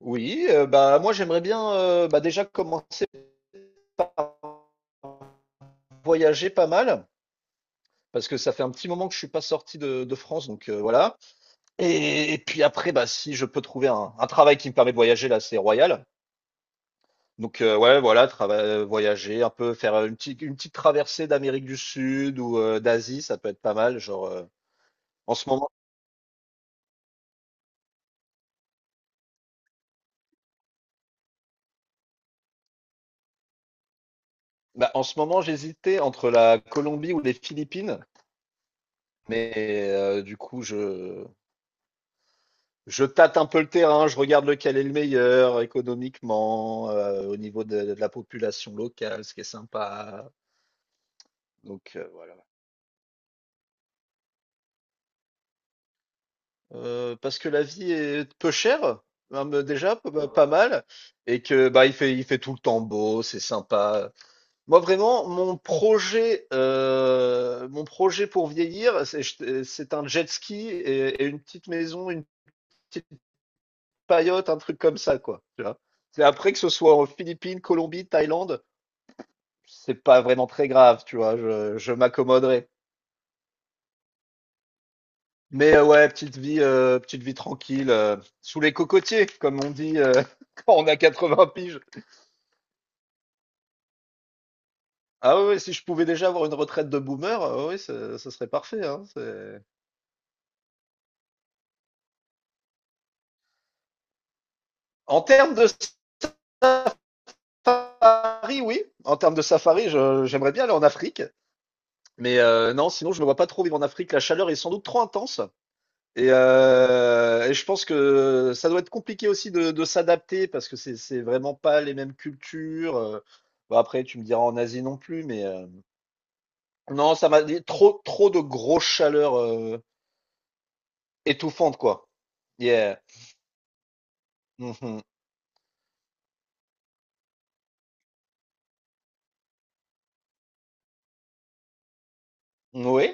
Oui, bah moi j'aimerais bien bah, déjà commencer à voyager pas mal parce que ça fait un petit moment que je suis pas sorti de France donc voilà. Et puis après bah si je peux trouver un travail qui me permet de voyager là c'est royal. Donc ouais voilà voyager un peu faire une petite traversée d'Amérique du Sud ou d'Asie ça peut être pas mal genre en ce moment en ce moment j'hésitais entre la Colombie ou les Philippines mais du coup je tâte un peu le terrain, je regarde lequel est le meilleur économiquement, au niveau de la population locale, ce qui est sympa. Donc voilà. Parce que la vie est peu chère, hein, mais déjà bah, pas mal, et que bah il fait tout le temps beau, c'est sympa. Moi vraiment, mon projet pour vieillir, c'est c'est un jet ski et une petite maison, une petite paillote, un truc comme ça quoi. Tu vois. C'est après que ce soit en Philippines, Colombie, Thaïlande. C'est pas vraiment très grave, tu vois, je m'accommoderai. Mais ouais, petite vie tranquille, sous les cocotiers, comme on dit quand on a 80 piges. Ah ouais, ouais, si je pouvais déjà avoir une retraite de boomer, ouais, ce serait parfait, hein. En termes de safari, oui. En termes de safari, j'aimerais bien aller en Afrique. Mais non, sinon, je me vois pas trop vivre en Afrique. La chaleur est sans doute trop intense. Et je pense que ça doit être compliqué aussi de s'adapter parce que c'est vraiment pas les mêmes cultures. Bon, après, tu me diras en Asie non plus, mais non, ça m'a dit trop trop de grosses chaleurs étouffantes quoi. Yeah. Mhm. Oui.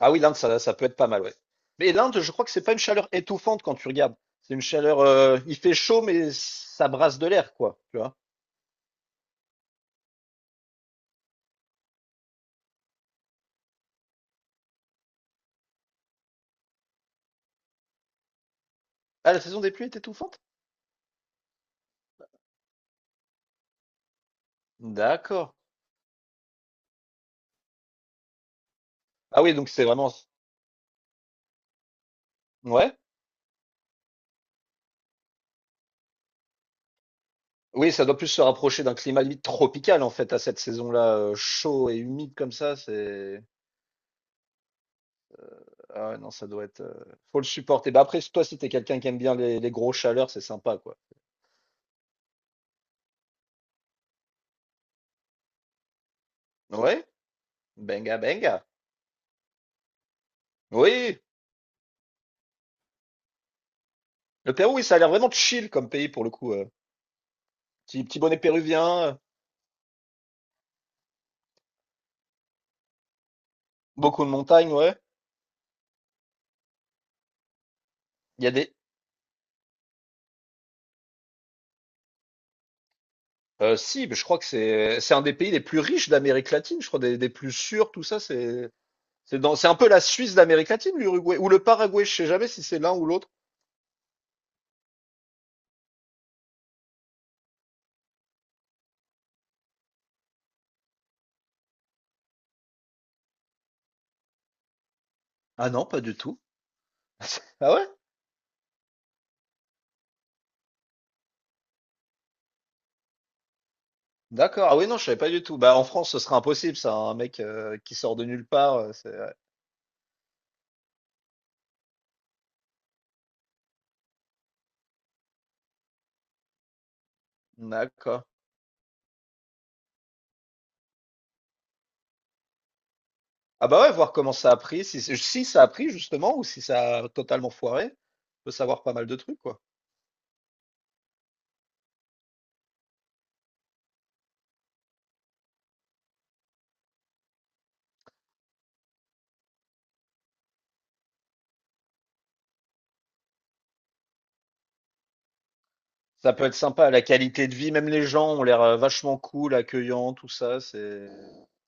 Ah oui, l'Inde, ça peut être pas mal, ouais. Mais l'Inde, je crois que c'est pas une chaleur étouffante quand tu regardes. C'est une chaleur, il fait chaud, mais ça brasse de l'air, quoi. Tu vois. Ah, la saison des pluies est étouffante? D'accord. Ah oui, donc c'est vraiment. Ouais. Oui, ça doit plus se rapprocher d'un climat limite tropical en fait à cette saison-là, chaud et humide comme ça, c'est ah ouais non ça doit être, faut le supporter. Bah, après toi si t'es quelqu'un qui aime bien les grosses chaleurs, c'est sympa quoi. Ouais, benga benga. Oui, le Pérou, oui, ça a l'air vraiment chill comme pays pour le coup, petit petit bonnet péruvien, beaucoup de montagnes, ouais. Il y a des Si, mais je crois que c'est un des pays les plus riches d'Amérique latine, je crois des plus sûrs, tout ça, c'est un peu la Suisse d'Amérique latine, l'Uruguay ou le Paraguay, je sais jamais si c'est l'un ou l'autre. Ah non, pas du tout. Ah ouais? D'accord. Ah oui, non, je savais pas du tout. Bah, en France, ce serait impossible, ça, hein. Un mec qui sort de nulle part, ouais. D'accord. Ah bah ouais, voir comment ça a pris, si, si ça a pris, justement, ou si ça a totalement foiré. On peut savoir pas mal de trucs, quoi. Ça peut être sympa, la qualité de vie, même les gens ont l'air vachement cool, accueillants, tout ça,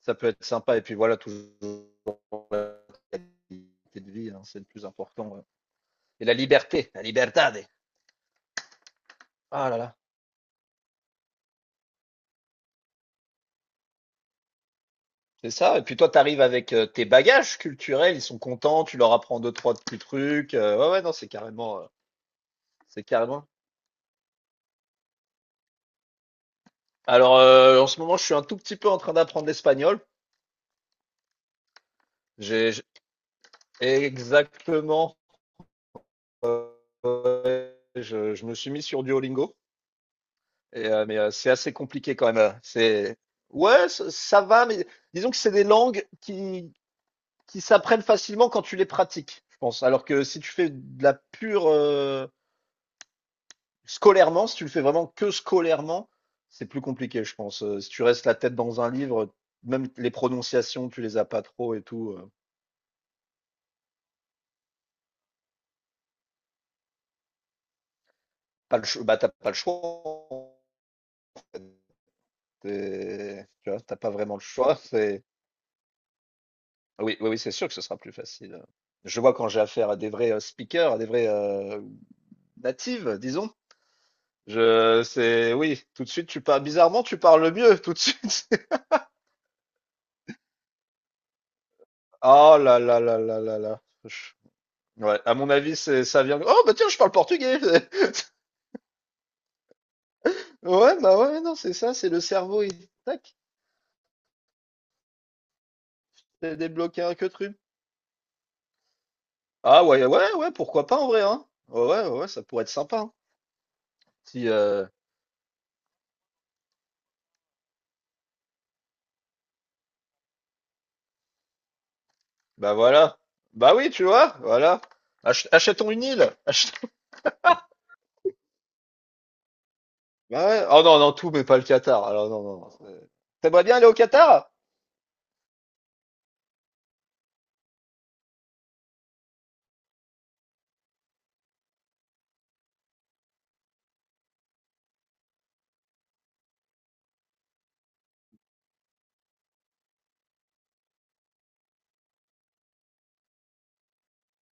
Ça peut être sympa. Et puis voilà, toujours la qualité de vie, hein, c'est le plus important. Ouais. Et la liberté, la libertad. Ah là là. C'est ça. Et puis toi, tu arrives avec tes bagages culturels, ils sont contents, tu leur apprends deux, trois petits trucs. Ouais, ouais, non, c'est carrément. Alors, en ce moment, je suis un tout petit peu en train d'apprendre l'espagnol. J'ai j'ai- Exactement, je me suis mis sur Duolingo, mais c'est assez compliqué quand même. C'est, ouais, ça va, mais disons que c'est des langues qui s'apprennent facilement quand tu les pratiques, je pense. Alors que si tu fais de la pure, si tu le fais vraiment que scolairement, c'est plus compliqué, je pense. Si tu restes la tête dans un livre, même les prononciations, tu les as pas trop et tout. Pas le, cho- Bah, t'as pas le choix. Tu vois, t'as pas vraiment le choix. C'est, oui, oui, oui, c'est sûr que ce sera plus facile. Je vois quand j'ai affaire à des vrais speakers, à des vrais natives, disons. C'est, oui, tout de suite, tu parles, bizarrement, tu parles mieux, tout de suite. Oh là là là là là là. Ouais, à mon avis, c'est, ça vient. Oh, bah tiens, je parle portugais! Ouais, bah ouais, non, c'est ça, c'est le cerveau, il tac, t'as débloqué un que truc. Ah ouais, ouais, ouais, pourquoi pas en vrai, hein? Ouais, ouais, ouais, ouais, ça pourrait être sympa, hein. Si, bah voilà. Bah oui, tu vois, voilà. Achetons une île! Bah ouais. Oh non, non, tout, mais pas le Qatar. Alors non, non. T'aimerais bien aller au Qatar?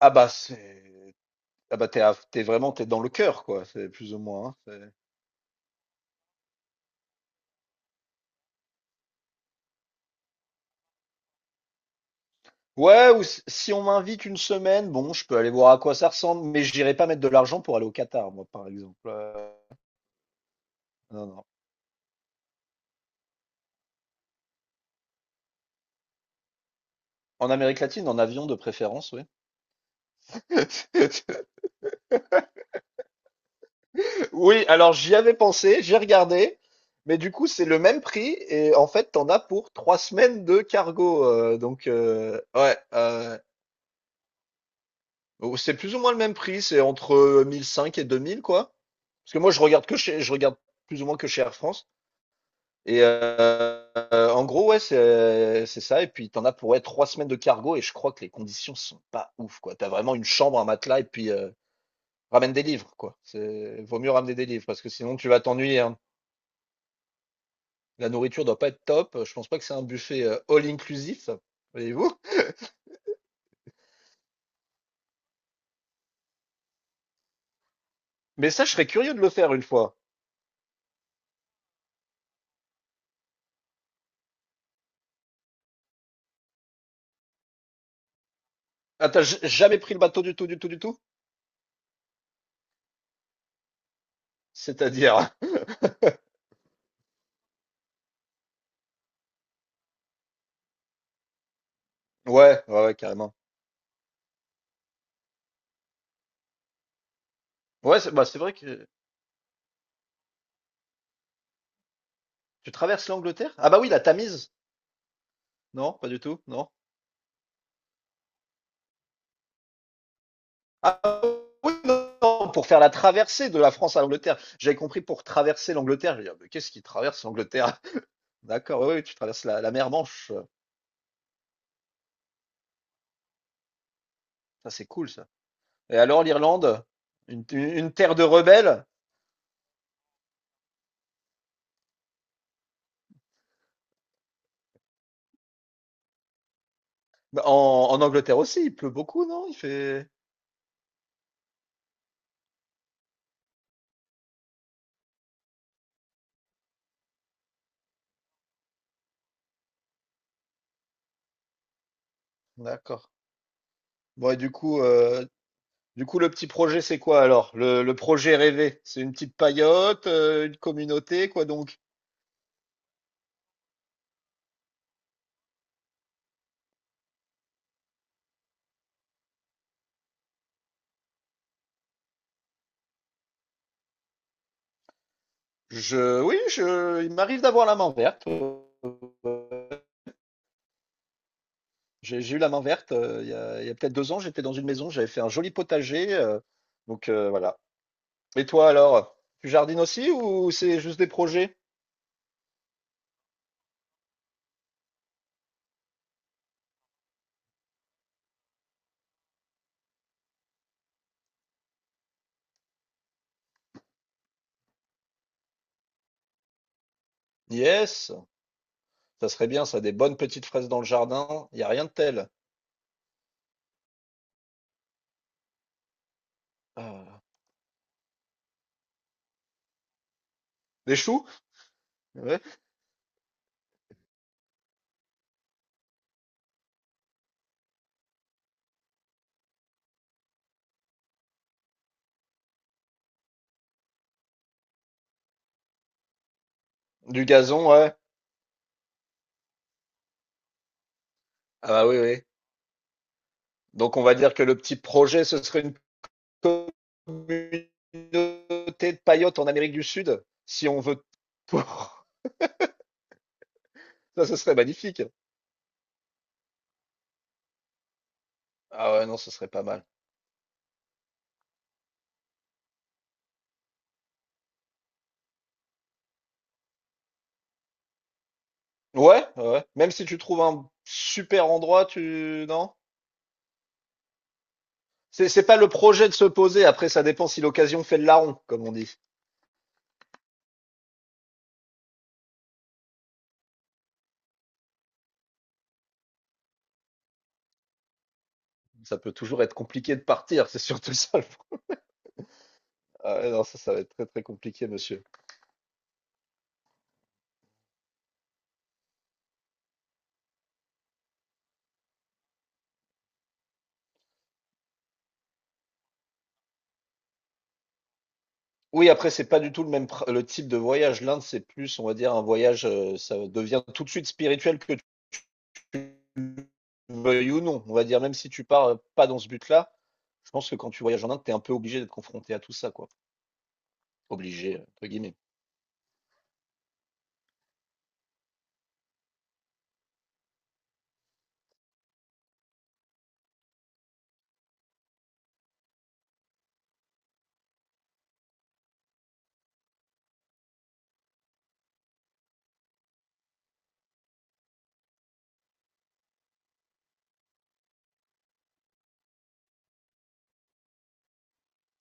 Ah bah c'est. Ah bah t'es à- t'es vraiment t'es dans le cœur, quoi, c'est plus ou moins, hein. Ouais, ou si on m'invite une semaine, bon, je peux aller voir à quoi ça ressemble, mais j'irai pas mettre de l'argent pour aller au Qatar, moi, par exemple. Non, non. En Amérique latine, en avion de préférence, oui. Oui, alors j'y avais pensé, j'ai regardé, mais du coup, c'est le même prix et en fait, t'en as pour 3 semaines de cargo. Donc, ouais, bon, c'est plus ou moins le même prix, c'est entre 1005 et 2000, quoi. Parce que moi, je regarde plus ou moins que chez Air France. Et euh, En gros, ouais, c'est ça. Et puis, t'en as pour ouais, 3 semaines de cargo. Et je crois que les conditions sont pas ouf, quoi. T'as vraiment une chambre, un matelas, et puis ramène des livres, quoi. Vaut mieux ramener des livres parce que sinon, tu vas t'ennuyer, hein. La nourriture doit pas être top. Je pense pas que c'est un buffet all inclusif, voyez-vous. Mais ça, je serais curieux de le faire une fois. Ah, t'as jamais pris le bateau du tout, du tout, du tout? C'est-à-dire. Ouais, ouais, ouais, carrément. Ouais, c'est bah, c'est vrai que tu traverses l'Angleterre? Ah bah oui, la Tamise. Non, pas du tout. Non. Ah oui, non, pour faire la traversée de la France à l'Angleterre. J'avais compris pour traverser l'Angleterre. J'ai dit, ah, mais qu'est-ce qui traverse l'Angleterre? D'accord, oui, oui, tu traverses la mer Manche. Ça, c'est cool, ça. Et alors, l'Irlande, une terre de rebelles? Bah, en Angleterre aussi, il pleut beaucoup, non? Il fait. D'accord. Bon, et du coup, le petit projet, c'est quoi alors? Le projet rêvé? C'est une petite paillote, une communauté, quoi donc? Oui, il m'arrive d'avoir la main verte. Ouais. J'ai eu la main verte, il y a peut-être 2 ans, j'étais dans une maison, j'avais fait un joli potager, donc voilà. Et toi alors, tu jardines aussi ou c'est juste des projets? Yes! Ça serait bien ça, des bonnes petites fraises dans le jardin, il y a rien de tel. Ah. Des choux? Ouais. Du gazon, ouais. Ah bah, oui, oui. Donc on va dire que le petit projet, ce serait une communauté de paillotes en Amérique du Sud, si on veut. Ça, ce serait magnifique. Ah ouais, non, ce serait pas mal. Ouais, ouais. Même si tu trouves un super endroit, tu? Non? C'est pas le projet de se poser. Après, ça dépend si l'occasion fait le larron, comme on dit. Ça peut toujours être compliqué de partir. C'est surtout ça. Ah ouais, non, ça va être très, très compliqué, monsieur. Oui, après, c'est pas du tout le même le type de voyage. L'Inde, c'est plus, on va dire, un voyage, ça devient tout de suite spirituel que tu veuilles ou non. On va dire, même si tu pars pas dans ce but-là, je pense que quand tu voyages en Inde, tu es un peu obligé d'être confronté à tout ça, quoi. Obligé, entre guillemets.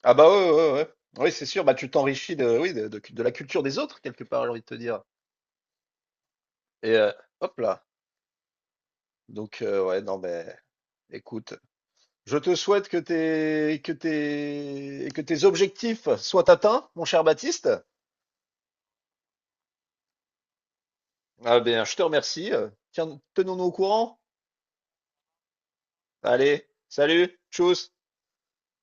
Ah bah ouais, ouais, ouais. Ouais. Oui, c'est sûr, bah tu t'enrichis oui, de la culture des autres, quelque part, j'ai envie de te dire. Et euh, Hop là. Donc ouais, non mais écoute, je te souhaite que tes objectifs soient atteints, mon cher Baptiste. Ah bien, je te remercie. Tiens, tenons-nous au courant. Allez, salut, tchuss.